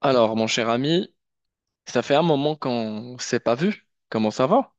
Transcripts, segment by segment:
Alors, mon cher ami, ça fait un moment qu'on s'est pas vu. Comment ça va?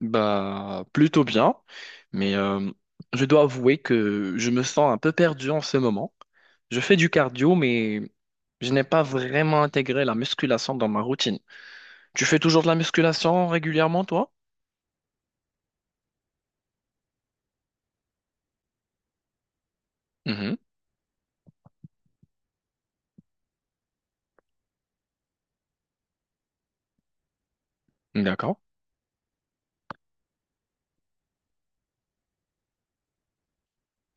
Bah, plutôt bien, mais je dois avouer que je me sens un peu perdu en ce moment. Je fais du cardio, mais je n'ai pas vraiment intégré la musculation dans ma routine. Tu fais toujours de la musculation régulièrement, toi? Mhm, d'accord.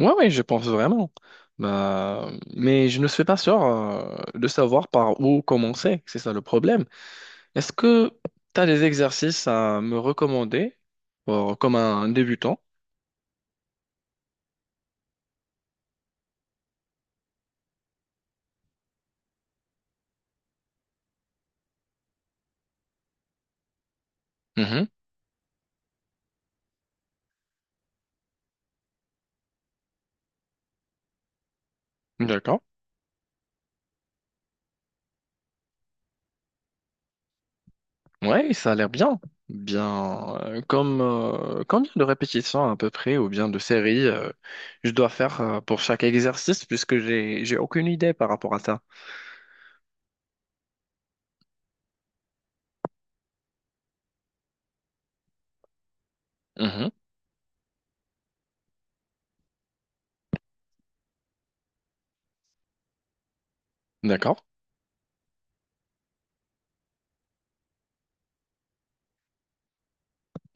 Ouais, oui, je pense vraiment. Bah, mais je ne suis pas sûr de savoir par où commencer. C'est ça le problème. Est-ce que tu as des exercices à me recommander pour, comme un débutant? Mhm. D'accord. Ouais, ça a l'air bien. Bien, comme combien de répétitions à peu près ou bien de séries je dois faire pour chaque exercice puisque j'ai aucune idée par rapport à ça. Mhm. D'accord.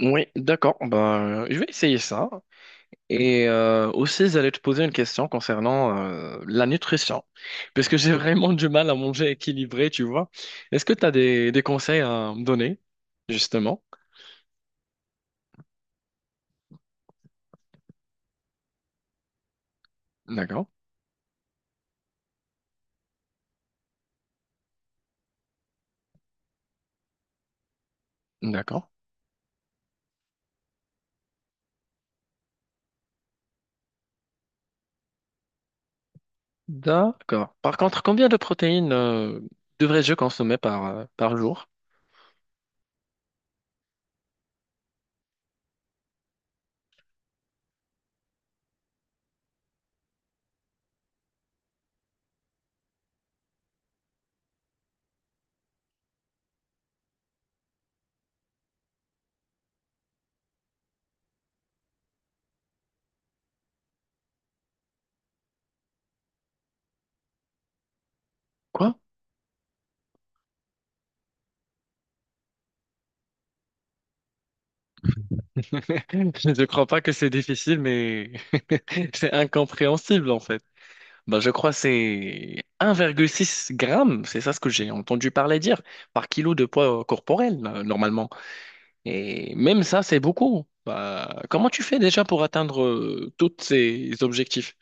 Oui, d'accord. Bah, je vais essayer ça. Et aussi, j'allais te poser une question concernant la nutrition, parce que j'ai vraiment du mal à manger équilibré, tu vois. Est-ce que tu as des conseils à me donner, justement? D'accord, d'accord, d'accord. Par contre, combien de protéines devrais-je consommer par, par jour? Quoi? Je ne crois pas que c'est difficile, mais c'est incompréhensible, en fait. Ben, je crois que c'est 1,6 grammes, c'est ça ce que j'ai entendu parler dire, par kilo de poids corporel, normalement. Et même ça, c'est beaucoup. Ben, comment tu fais déjà pour atteindre tous ces objectifs?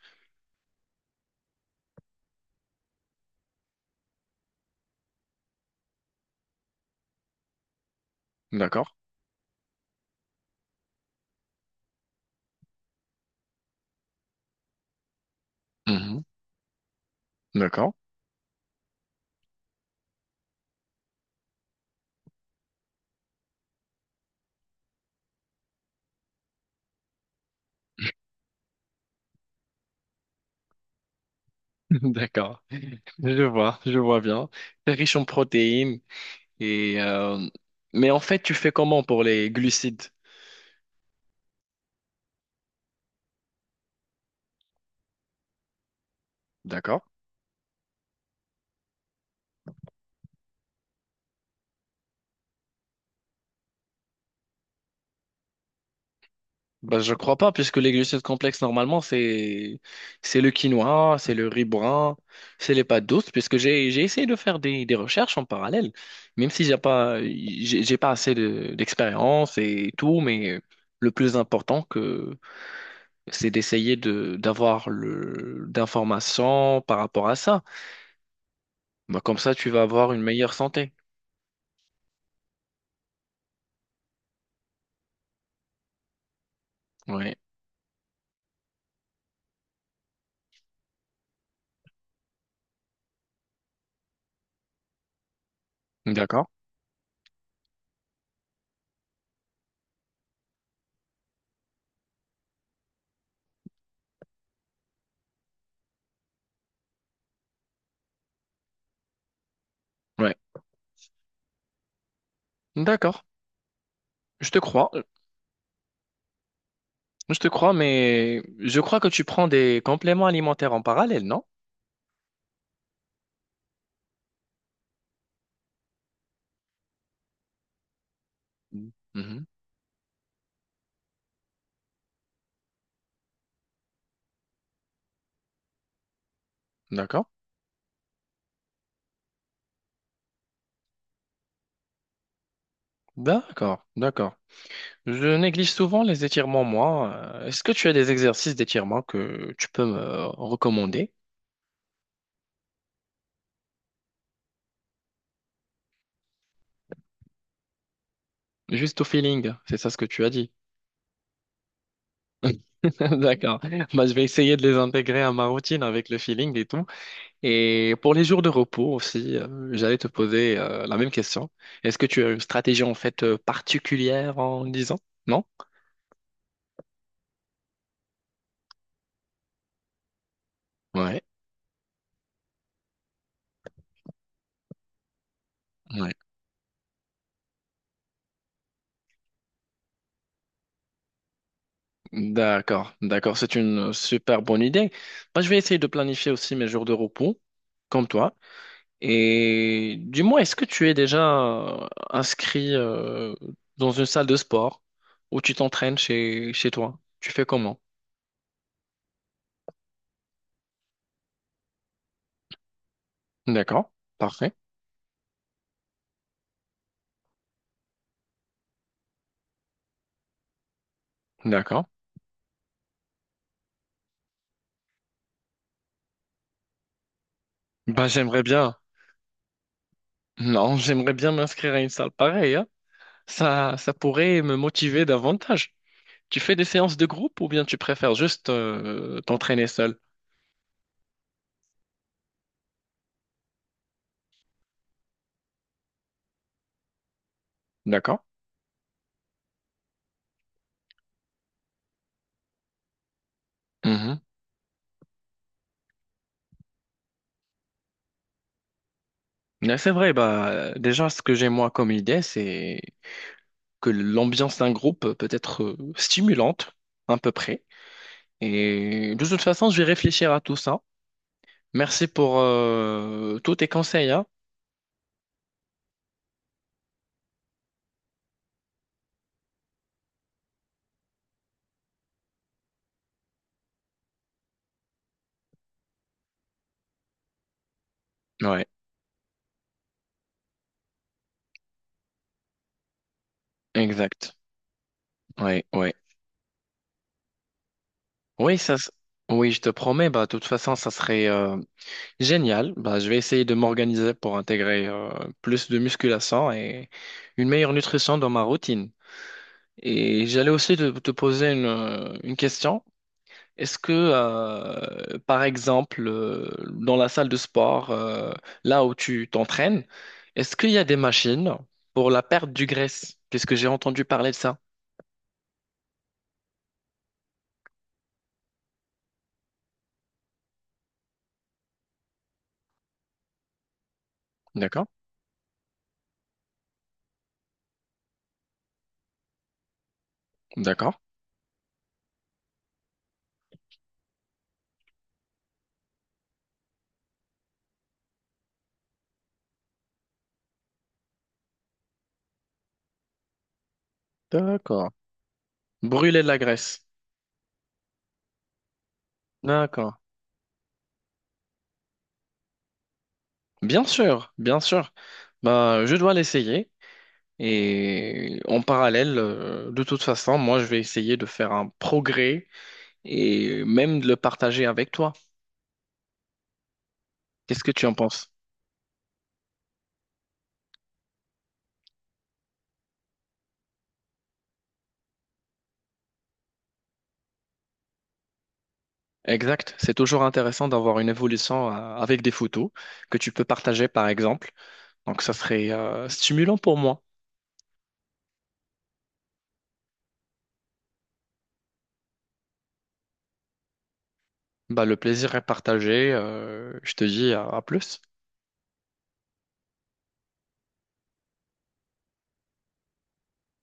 D'accord. Mhm. D'accord. D'accord. Je vois bien. C'est riche en protéines. Et, mais en fait, tu fais comment pour les glucides? D'accord. Bah, je crois pas, puisque les glucides complexes, normalement, c'est le quinoa, c'est le riz brun, c'est les pâtes douces, puisque j'ai essayé de faire des recherches en parallèle, même si j'ai pas assez de- d'expérience et tout, mais le plus important que c'est d'essayer de d'avoir le d'informations par rapport à ça. Bah, comme ça, tu vas avoir une meilleure santé. Ouais. D'accord. Ouais. D'accord. Je te crois. Je te crois, mais je crois que tu prends des compléments alimentaires en parallèle, non? Mhm. Mhm. D'accord, d'accord, d'accord. Je néglige souvent les étirements, moi. Est-ce que tu as des exercices d'étirement que tu peux me recommander? Juste au feeling, c'est ça ce que tu as dit. D'accord. Bah, je vais essayer de les intégrer à ma routine avec le feeling et tout. Et pour les jours de repos aussi, j'allais te poser la même question. Est-ce que tu as une stratégie en fait particulière en disant? Non? Ouais. Ouais. D'accord, d'accord, c'est une super bonne idée. Moi, je vais essayer de planifier aussi mes jours de repos, comme toi. Et dis-moi, est-ce que tu es déjà inscrit dans une salle de sport où tu t'entraînes chez, chez toi? Tu fais comment? D'accord, parfait, d'accord. Bah, j'aimerais bien, non, j'aimerais bien m'inscrire à une salle pareille, hein. Ça pourrait me motiver davantage. Tu fais des séances de groupe ou bien tu préfères juste t'entraîner seul? D'accord. Mais c'est vrai, bah, déjà, ce que j'ai moi comme idée, c'est que l'ambiance d'un groupe peut être stimulante, à peu près. Et de toute façon, je vais réfléchir à tout ça. Merci pour tous tes conseils, hein. Ouais, exact. Ouais, ouais. Oui, ça, s- oui, je te promets, bah, de toute façon, ça serait génial. Bah, je vais essayer de m'organiser pour intégrer plus de musculation et une meilleure nutrition dans ma routine. Et j'allais aussi te, te poser une question. Est-ce que, par exemple, dans la salle de sport, là où tu t'entraînes, est-ce qu'il y a des machines pour la perte du graisse? Puisque j'ai entendu parler de ça. D'accord, d'accord, d'accord. Brûler de la graisse. D'accord. Bien sûr, bien sûr. Bah, je dois l'essayer. Et en parallèle, de toute façon, moi, je vais essayer de faire un progrès et même de le partager avec toi. Qu'est-ce que tu en penses? Exact. C'est toujours intéressant d'avoir une évolution avec des photos que tu peux partager, par exemple. Donc, ça serait stimulant pour moi. Bah, le plaisir est partagé. Je te dis à plus.